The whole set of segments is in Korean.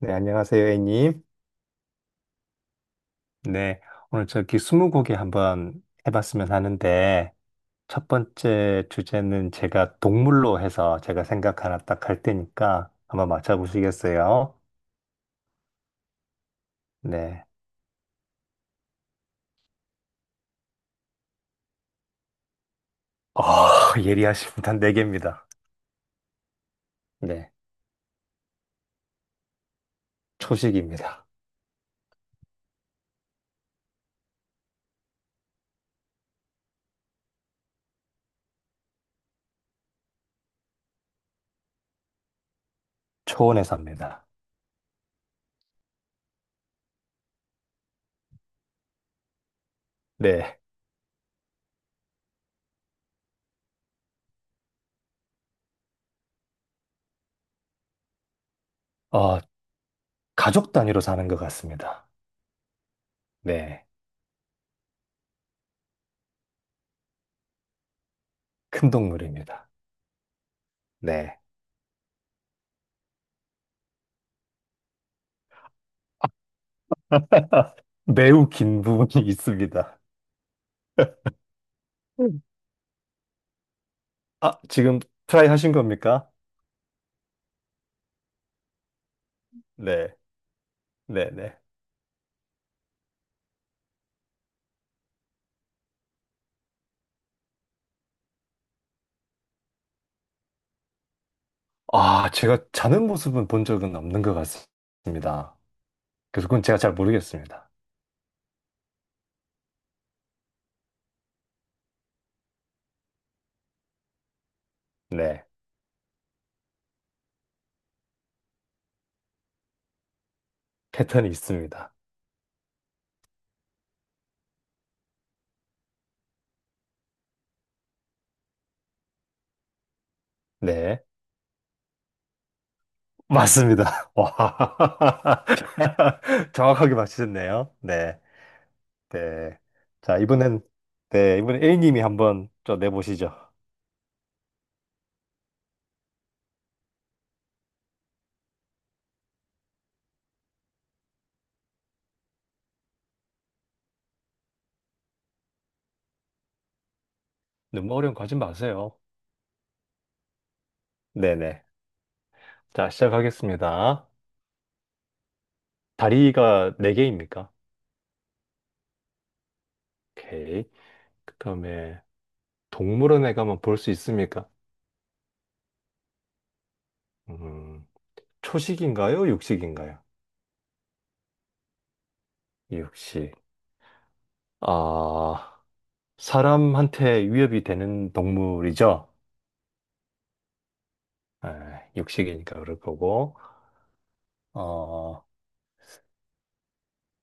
네, 안녕하세요, A님. 네, 오늘 저기 스무고개 한번 해봤으면 하는데, 첫 번째 주제는 제가 동물로 해서 제가 생각 하나 딱 할 테니까 한번 맞춰보시겠어요? 네. 아, 예리하십니다. 네 개입니다. 네, 초식입니다. 초원에 삽니다. 네, 어, 가족 단위로 사는 것 같습니다. 네, 큰 동물입니다. 네, 매우 긴 부분이 있습니다. 음. 아, 지금 트라이 하신 겁니까? 네, 네, 네. 아, 제가 자는 모습은 본 적은 없는 것 같습니다. 그래서 그건 제가 잘 모르겠습니다. 네, 패턴이 있습니다. 네, 맞습니다. 와, 정확하게 맞히셨네요. 네, 네. 자, 이번엔, 네, 이번엔 A님이 한번 좀 내보시죠. 너무 어려운 거 하지 마세요. 네네. 자, 시작하겠습니다. 다리가 네개입니까? 오케이. 그 다음에, 동물원에 가면 볼 수 있습니까? 음. 초식인가요? 육식인가요? 육식. 아, 사람한테 위협이 되는 동물이죠? 에, 육식이니까 그럴 거고. 어,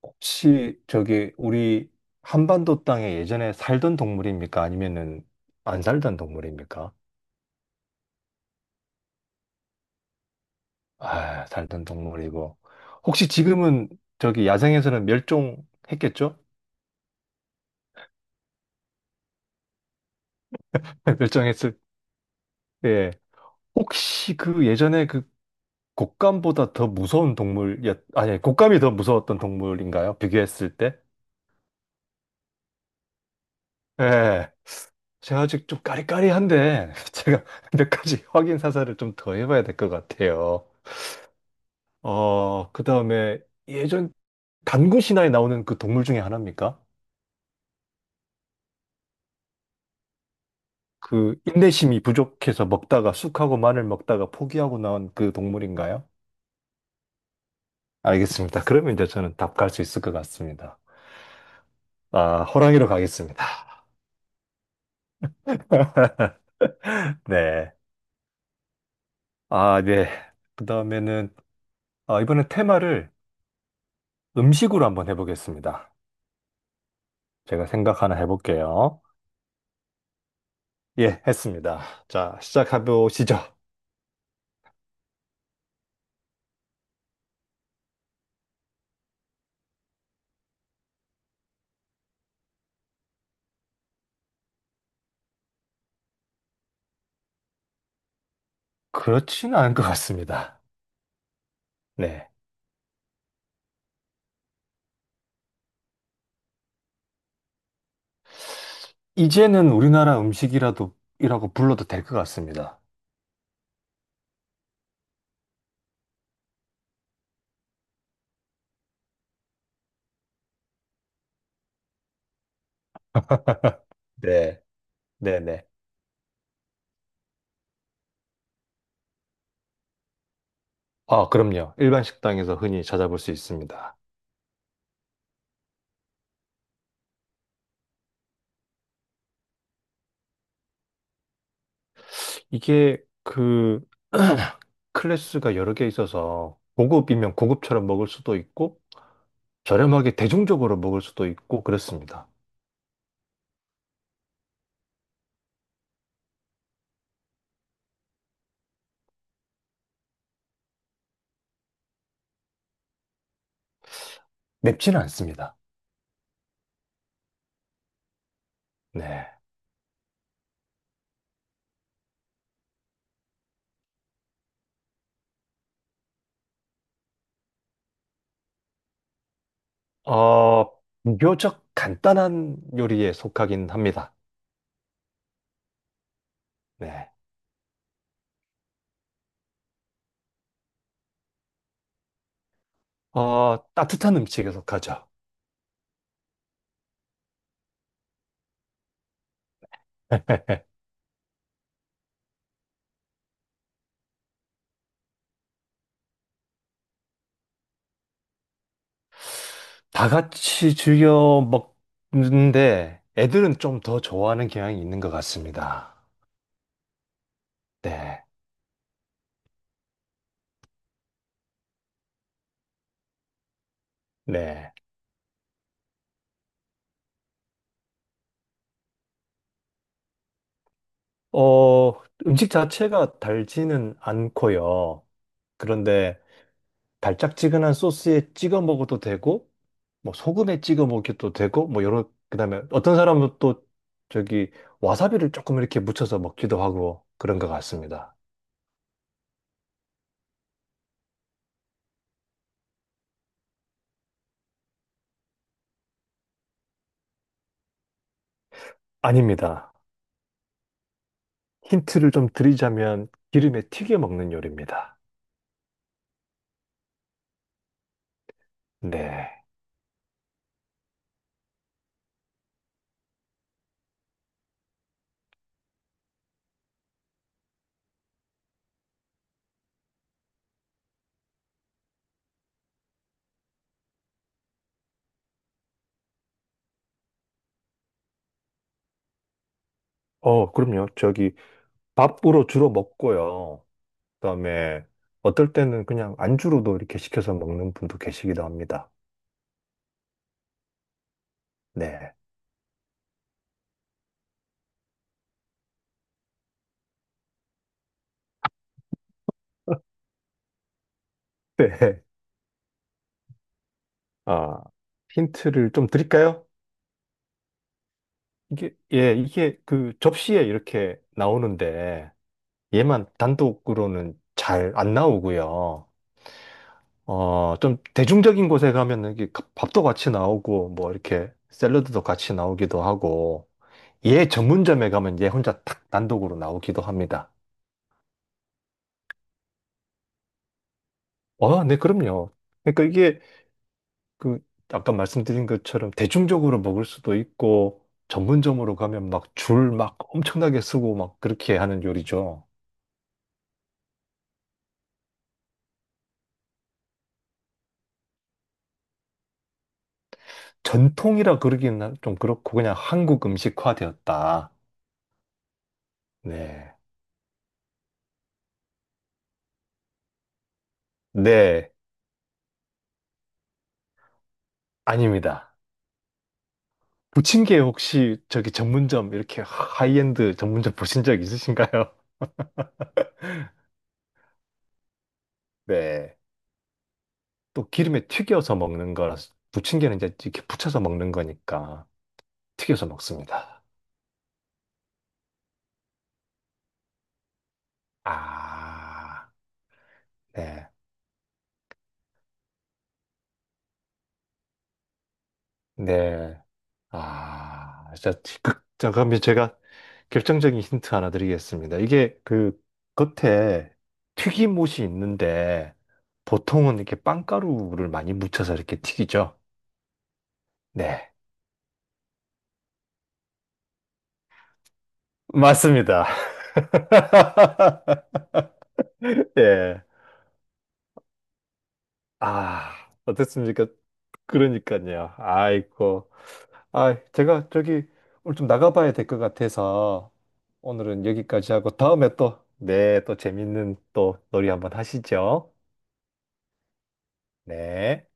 혹시 저기 우리 한반도 땅에 예전에 살던 동물입니까? 아니면은 안 살던 동물입니까? 아, 살던 동물이고. 혹시 지금은 저기 야생에서는 멸종했겠죠? 멸종했을, 예. 혹시 그 예전에 그 곶감보다 더 무서운 동물이었, 아니, 곶감이 더 무서웠던 동물인가요? 비교했을 때? 예. 제가 아직 좀 까리까리한데, 제가 몇 가지 확인 사살을 좀 더 해봐야 될 것 같아요. 그 다음에 예전 단군 신화에 나오는 그 동물 중에 하나입니까? 그 인내심이 부족해서 먹다가 쑥하고 마늘 먹다가 포기하고 나온 그 동물인가요? 알겠습니다. 그러면 이제 저는 답 갈 수 있을 것 같습니다. 아, 호랑이로 가겠습니다. 네. 아, 네. 그다음에는, 아, 이번엔 테마를 음식으로 한번 해보겠습니다. 제가 생각 하나 해볼게요. 예, 했습니다. 자, 시작해 보시죠. 그렇지는 않을 것 같습니다. 네. 이제는 우리나라 음식이라도 이라고 불러도 될 것 같습니다. 네. 네네. 아, 그럼요. 일반 식당에서 흔히 찾아볼 수 있습니다. 이게 그 클래스가 여러 개 있어서 고급이면 고급처럼 먹을 수도 있고 저렴하게 대중적으로 먹을 수도 있고 그렇습니다. 맵지는 않습니다. 네. 어, 비교적 간단한 요리에 속하긴 합니다. 네. 따뜻한 음식에 속하죠. 다 같이 즐겨 먹는데 애들은 좀 더 좋아하는 경향이 있는 것 같습니다. 네. 네. 어, 음식 자체가 달지는 않고요. 그런데 달짝지근한 소스에 찍어 먹어도 되고 뭐 소금에 찍어 먹기도 되고 뭐 여러 그다음에 어떤 사람은 또 저기 와사비를 조금 이렇게 묻혀서 먹기도 하고 그런 것 같습니다. 아닙니다. 힌트를 좀 드리자면 기름에 튀겨 먹는 요리입니다. 네. 그럼요. 저기 밥으로 주로 먹고요. 그다음에 어떨 때는 그냥 안주로도 이렇게 시켜서 먹는 분도 계시기도 합니다. 네. 네. 아, 힌트를 좀 드릴까요? 이게, 예, 이게 그 접시에 이렇게 나오는데, 얘만 단독으로는 잘 안 나오고요. 좀 대중적인 곳에 가면 이게 밥도 같이 나오고 뭐 이렇게 샐러드도 같이 나오기도 하고 얘 전문점에 가면 얘 혼자 탁 단독으로 나오기도 합니다. 네, 그럼요. 그러니까 이게 그 아까 말씀드린 것처럼 대중적으로 먹을 수도 있고 전문점으로 가면 막 줄 막 엄청나게 쓰고 막 그렇게 하는 요리죠. 전통이라 그러기는 좀 그렇고 그냥 한국 음식화 되었다. 네. 네. 아닙니다. 부침개 혹시 저기 전문점 이렇게 하이엔드 전문점 보신 적 있으신가요? 네. 또 기름에 튀겨서 먹는 거라서 부침개는 이제 이렇게 부쳐서 먹는 거니까 튀겨서 먹습니다. 아, 네. 네. 아, 진짜 자, 그러면 제가 결정적인 힌트 하나 드리겠습니다. 이게 그 겉에 튀김옷이 있는데 보통은 이렇게 빵가루를 많이 묻혀서 이렇게 튀기죠. 네. 맞습니다. 예. 아, 어땠습니까? 그러니까요. 아이고. 아, 제가 저기 오늘 좀 나가봐야 될 것 같아서 오늘은 여기까지 하고 다음에 또, 네, 또 재밌는 또 놀이 한번 하시죠. 네.